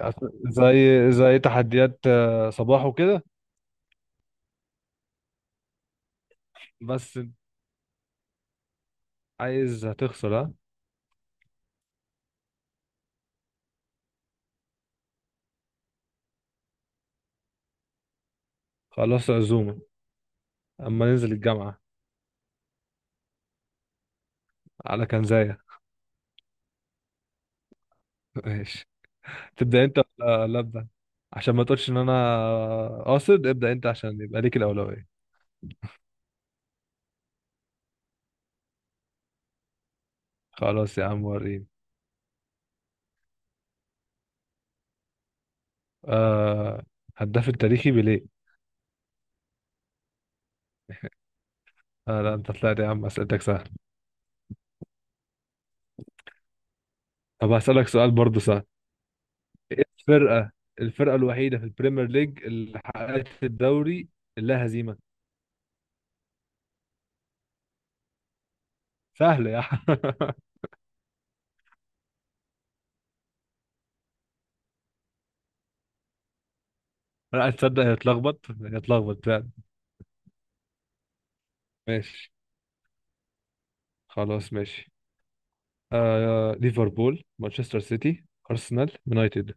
زي تحديات صباح وكده. بس عايز هتخسر ها. خلاص عزومة اما ننزل الجامعة على كنزاية. ماشي. تبدأ انت ولا ابدأ، عشان ما تقولش ان انا قاصد ابدأ انت عشان يبقى ليك الأولوية. خلاص يا عم وريني. آه، هداف التاريخي بيليه. آه، لا انت طلعت يا عم اسئلتك سهل. طب هسألك سؤال برضه سهل. ايه الفرقة الوحيدة في البريمير ليج اللي حققت الدوري لا هزيمة؟ سهل يا عم لا تصدق، هي اتلخبط هي اتلخبط فعلا. ماشي. خلاص ماشي. ليفربول، مانشستر سيتي، ارسنال، يونايتد.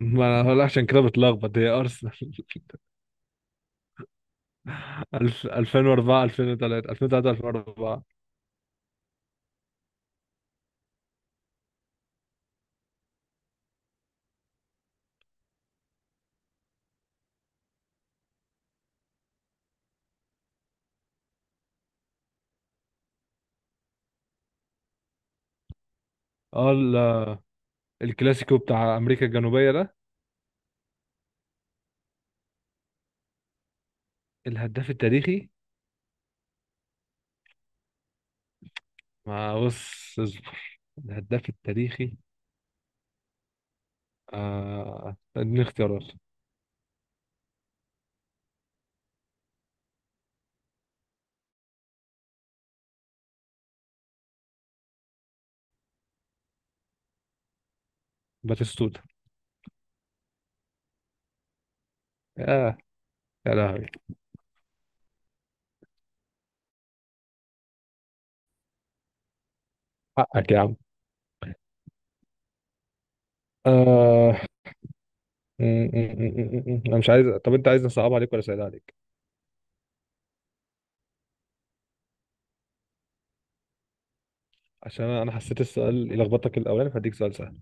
ما انا هقول عشان كده بتلخبط، هي ارسنال 2004، 2003، 2003، 2004. اه الكلاسيكو بتاع امريكا الجنوبيه ده. الهداف التاريخي. ما بص اصبر. الهداف التاريخي. آه، اديني اختيارات. باتيستوتا. يا يا لهوي! حقك يا عم. آه انا مش عايز. طب انت عايز نصعب عليك ولا اسهل عليك؟ عشان انا حسيت السؤال يلخبطك الاولاني، فهديك سؤال سهل.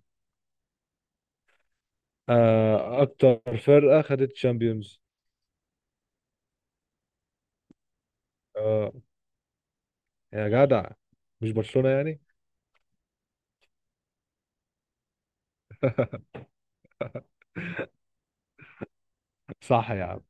آه، اكتر فرقه خدت تشامبيونز؟ اه يا جدع، مش برشلونه يعني؟ صح يا عم.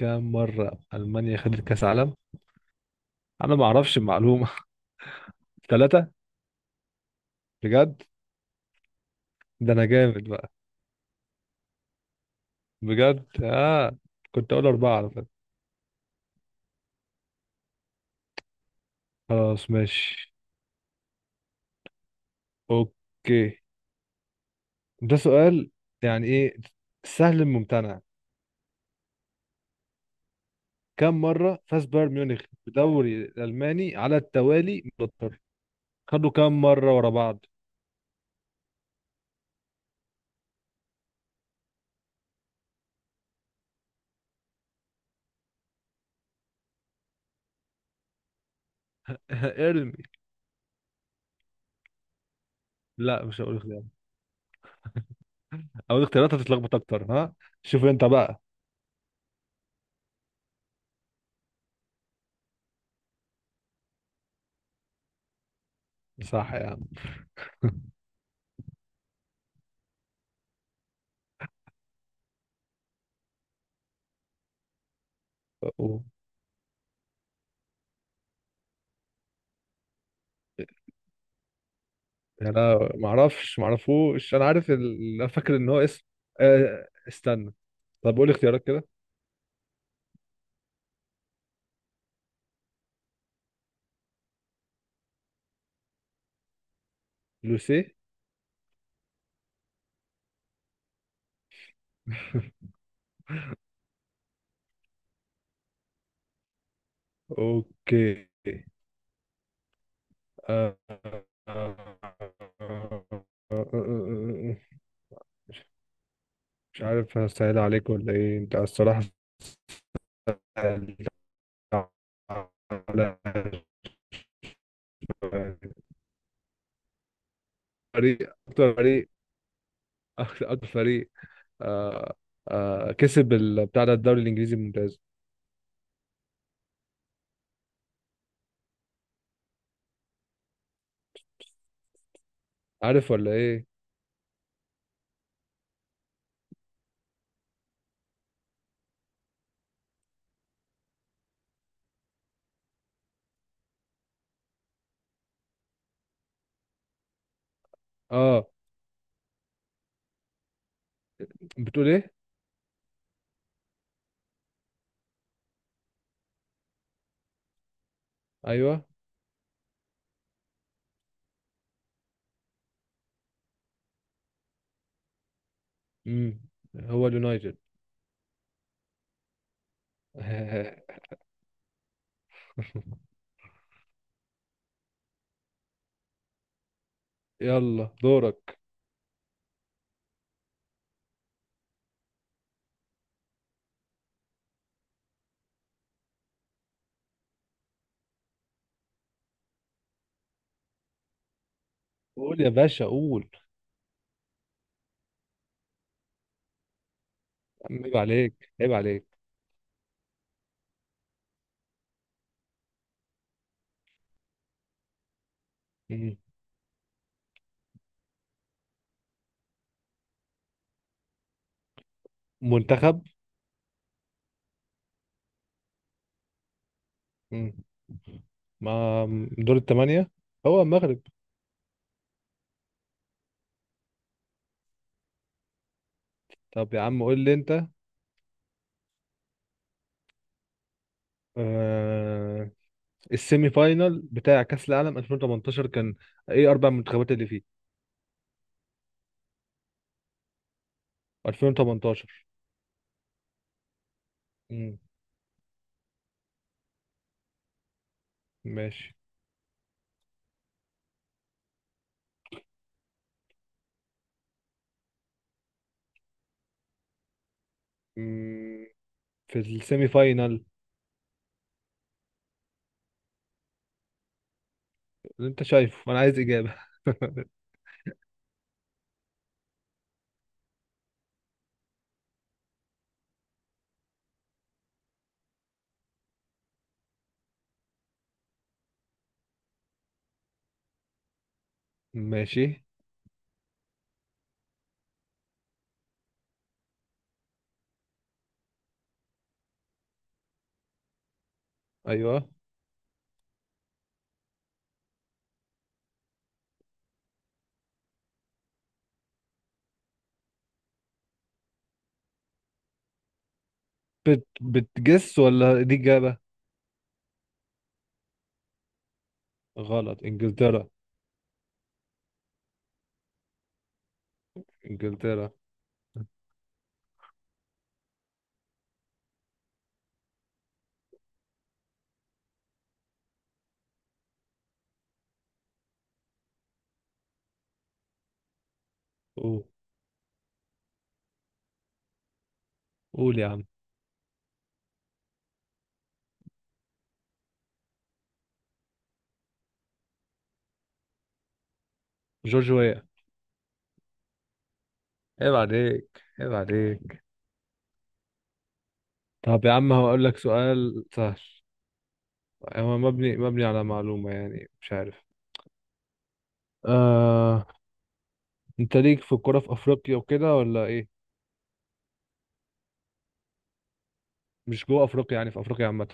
كام مره المانيا خدت كاس عالم؟ انا ما اعرفش المعلومه. ثلاثه. بجد؟ ده انا جامد بقى. بجد اه. كنت اقول اربعه على فكره. خلاص ماشي. اوكي. ده سؤال، يعني ايه، سهل ممتنع. كم مرة فاز بايرن ميونخ بدوري الألماني على التوالي متوتر؟ خدوا كم مرة ورا بعض؟ ارمي. لا مش هقول اختيارات. اقول اختيارات هتتلخبط اكتر ها. شوف انت بقى. صح يا عم. أوه. انا ما اعرفش، ما اعرفوش، انا عارف ال... أنا فاكر ان هو اسم. استنى. طب قول اختيارات كده. لوسيه. اوكي. آه، آه، آه، آه، آه، آه، آه، آه، آه، آه، مش عارف هسهل عليك ولا ايه انت الصراحة. على فريق، اكتر فريق، اكتر فريق، آه، آه كسب بتاع ده الدوري الانجليزي الممتاز. عارف ولا ايه؟ اه. بتقول ايه؟ ايوه. امم هو اليونايتد. يلا دورك. قول يا باشا قول. عيب عليك، عيب عليك. مم. منتخب. مم. ما دور الثمانية هو المغرب. طب يا عم قول لي انت. آه... السيمي فاينال بتاع كأس العالم 2018 كان ايه، 4 منتخبات اللي فيه؟ 2018. امم ماشي. امم في السيمي فاينال. اللي انت شايفه انا عايز اجابة. ماشي. ايوه. بتجس ولا دي اجابة؟ غلط. انجلترا. انجلترا. قول. قول يا عم. جورج ويا. عيب عليك، عيب عليك. طب يا عم هقول لك سؤال سهل. هو مبني على معلومة، يعني مش عارف. آه انت ليك في الكوره في افريقيا وكده ولا ايه؟ مش جوه افريقيا، يعني في افريقيا عامه.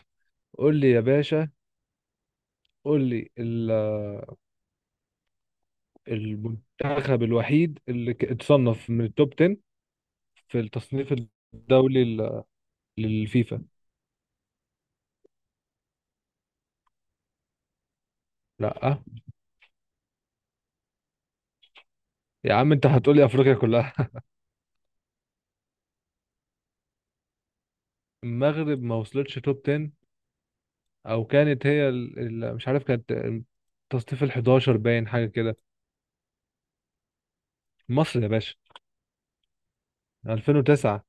قول لي يا باشا. قول لي المنتخب الوحيد اللي اتصنف من التوب 10 في التصنيف الدولي للفيفا. لا يا عم انت هتقول لي افريقيا كلها المغرب ما وصلتش توب 10، او كانت هي ال... ال... مش عارف كانت التصنيف ال 11 باين حاجه كده. مصر يا باشا. 2009.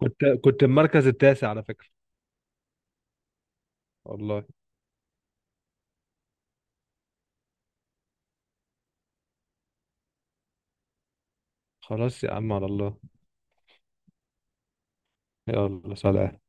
كنت المركز التاسع على فكره. والله. خلاص يا عم على الله. يلا سلام.